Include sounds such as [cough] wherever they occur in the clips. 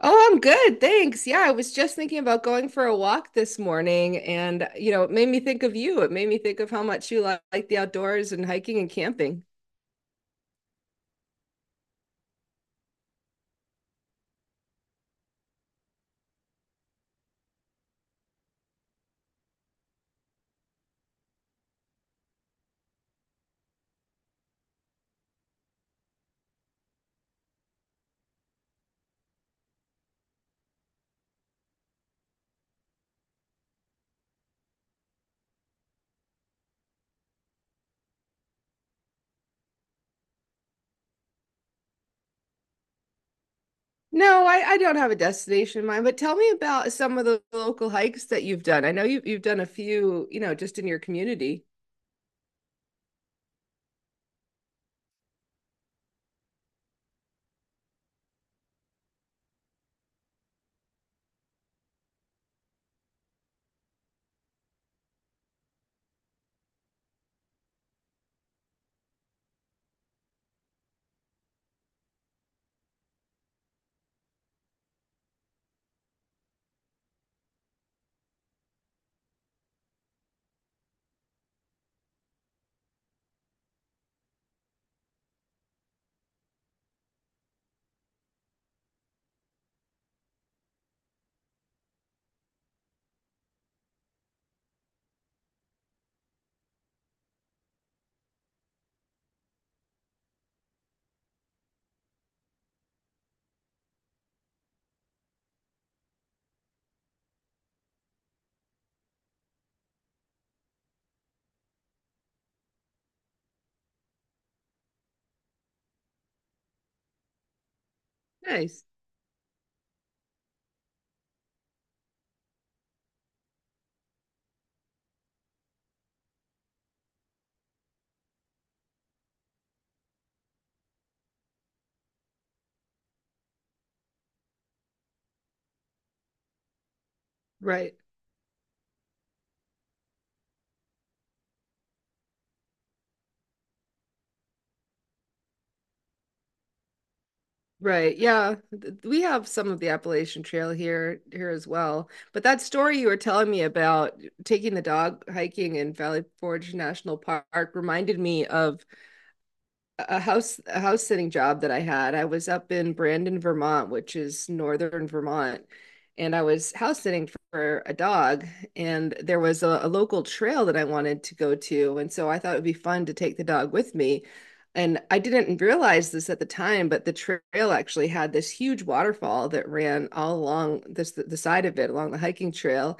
Oh, I'm good. Thanks. Yeah, I was just thinking about going for a walk this morning and, you know, it made me think of you. It made me think of how much like the outdoors and hiking and camping. No, I don't have a destination in mind, but tell me about some of the local hikes that you've done. I know you've done a few, you know, just in your community. Nice. Right. Right. Yeah. We have some of the Appalachian Trail here as well. But that story you were telling me about taking the dog hiking in Valley Forge National Park reminded me of a house sitting job that I had. I was up in Brandon, Vermont, which is northern Vermont, and I was house sitting for a dog, and there was a local trail that I wanted to go to, and so I thought it would be fun to take the dog with me. And I didn't realize this at the time, but the trail actually had this huge waterfall that ran all along this the side of it, along the hiking trail.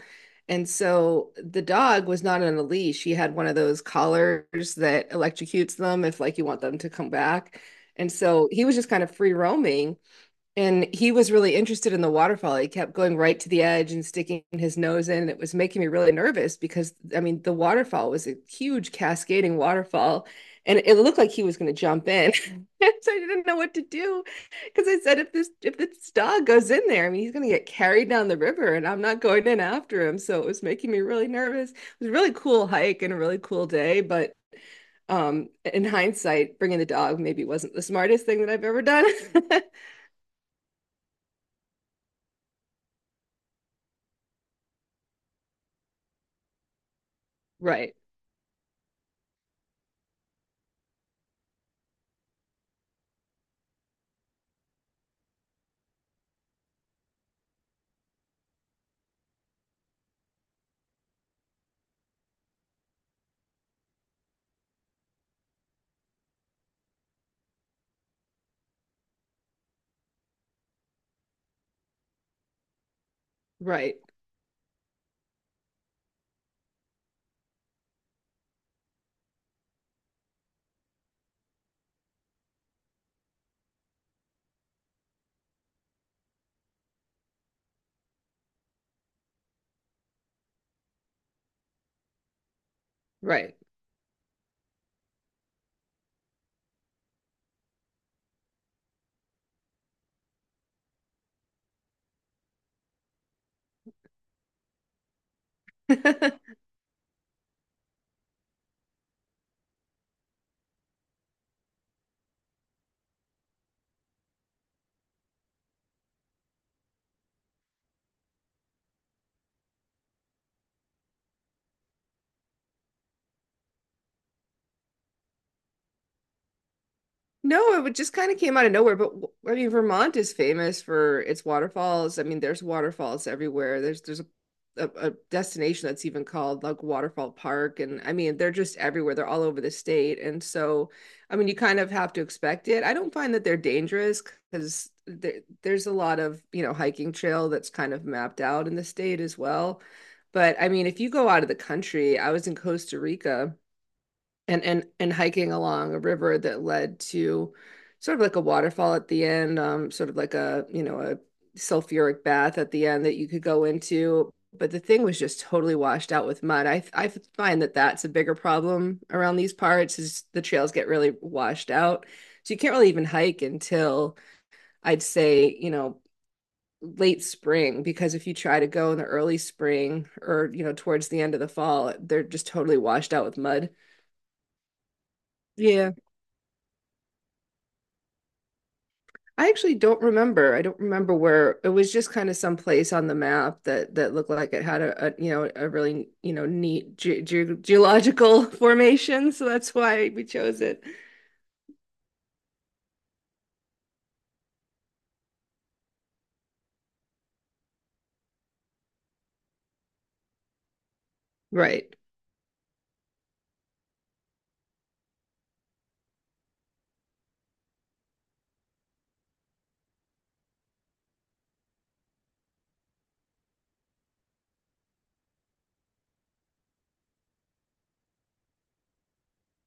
And so the dog was not on a leash. He had one of those collars that electrocutes them if like you want them to come back. And so he was just kind of free roaming. And he was really interested in the waterfall. He kept going right to the edge and sticking his nose in. It was making me really nervous because, I mean, the waterfall was a huge cascading waterfall and it looked like he was going to jump in. [laughs] So I didn't know what to do because I said, if this dog goes in there, I mean, he's going to get carried down the river and I'm not going in after him. So it was making me really nervous. It was a really cool hike and a really cool day, but in hindsight, bringing the dog maybe wasn't the smartest thing that I've ever done. [laughs] Right. Right, right. [laughs] No, it would just kind of came out of nowhere. I mean, Vermont is famous for its waterfalls. I mean, there's waterfalls everywhere. A destination that's even called like Waterfall Park, and I mean, they're just everywhere. They're all over the state, and so I mean, you kind of have to expect it. I don't find that they're dangerous because there's a lot of, you know, hiking trail that's kind of mapped out in the state as well. But I mean, if you go out of the country, I was in Costa Rica. And and hiking along a river that led to sort of like a waterfall at the end, sort of like a, you know, a sulfuric bath at the end that you could go into. But the thing was just totally washed out with mud. I find that that's a bigger problem around these parts is the trails get really washed out. So you can't really even hike until I'd say, you know, late spring because if you try to go in the early spring or, you know, towards the end of the fall, they're just totally washed out with mud. Yeah. I actually don't remember. I don't remember where it was, just kind of some place on the map that looked like it had a, you know, a really, you know, neat ge ge geological [laughs] formation, so that's why we chose it. Right.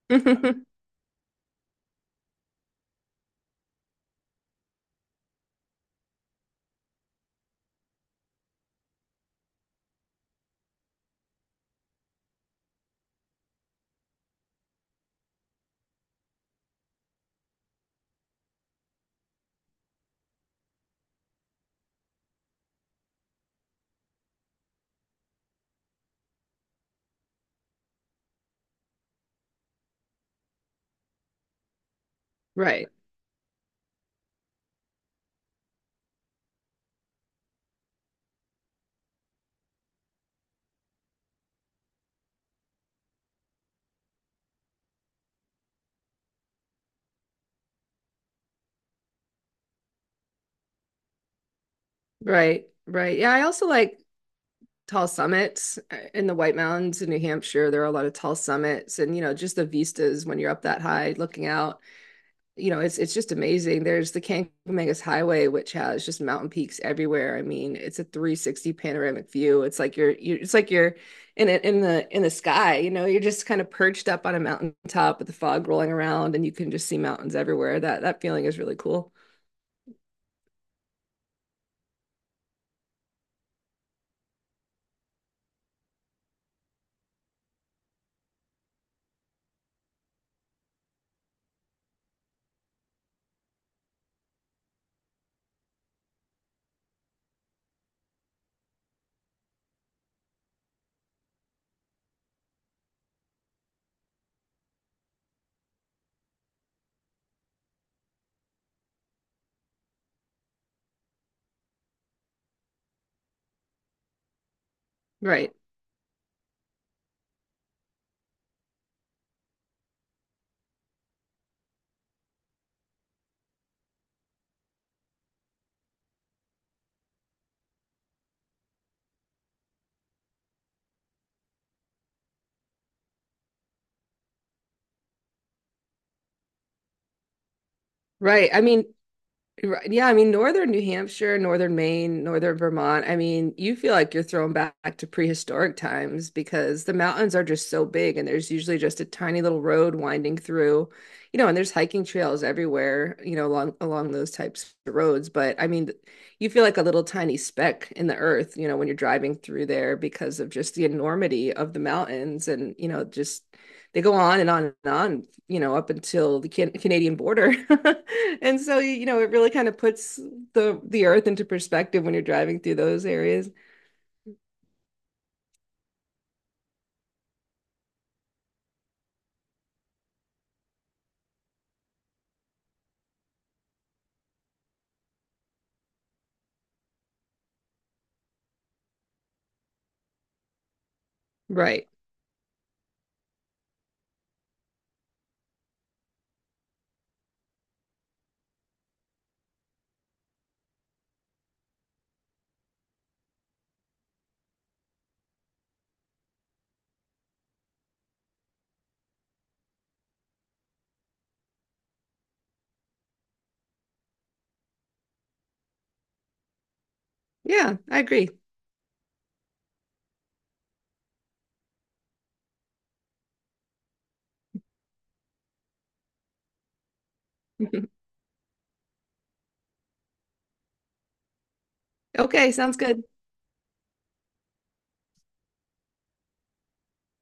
[laughs] Right. Right. Right. Yeah, I also like tall summits in the White Mountains in New Hampshire. There are a lot of tall summits and, you know, just the vistas when you're up that high looking out. You know, it's just amazing. There's the Cancomangas Highway, which has just mountain peaks everywhere. I mean, it's a 360 panoramic view. It's like you're, you it's like you're in it in the sky. You know, you're just kind of perched up on a mountain top with the fog rolling around, and you can just see mountains everywhere. That feeling is really cool. Right. Right. I mean, yeah, I mean, northern New Hampshire, northern Maine, northern Vermont. I mean, you feel like you're thrown back to prehistoric times because the mountains are just so big and there's usually just a tiny little road winding through, you know, and there's hiking trails everywhere, you know, along those types of roads. But I mean, you feel like a little tiny speck in the earth, you know, when you're driving through there because of just the enormity of the mountains and, you know, just they go on and on and on, you know, up until the Canadian border. [laughs] And so, you know, it really kind of puts the earth into perspective when you're driving through those areas. Right. Yeah, I agree. [laughs] Okay, sounds good.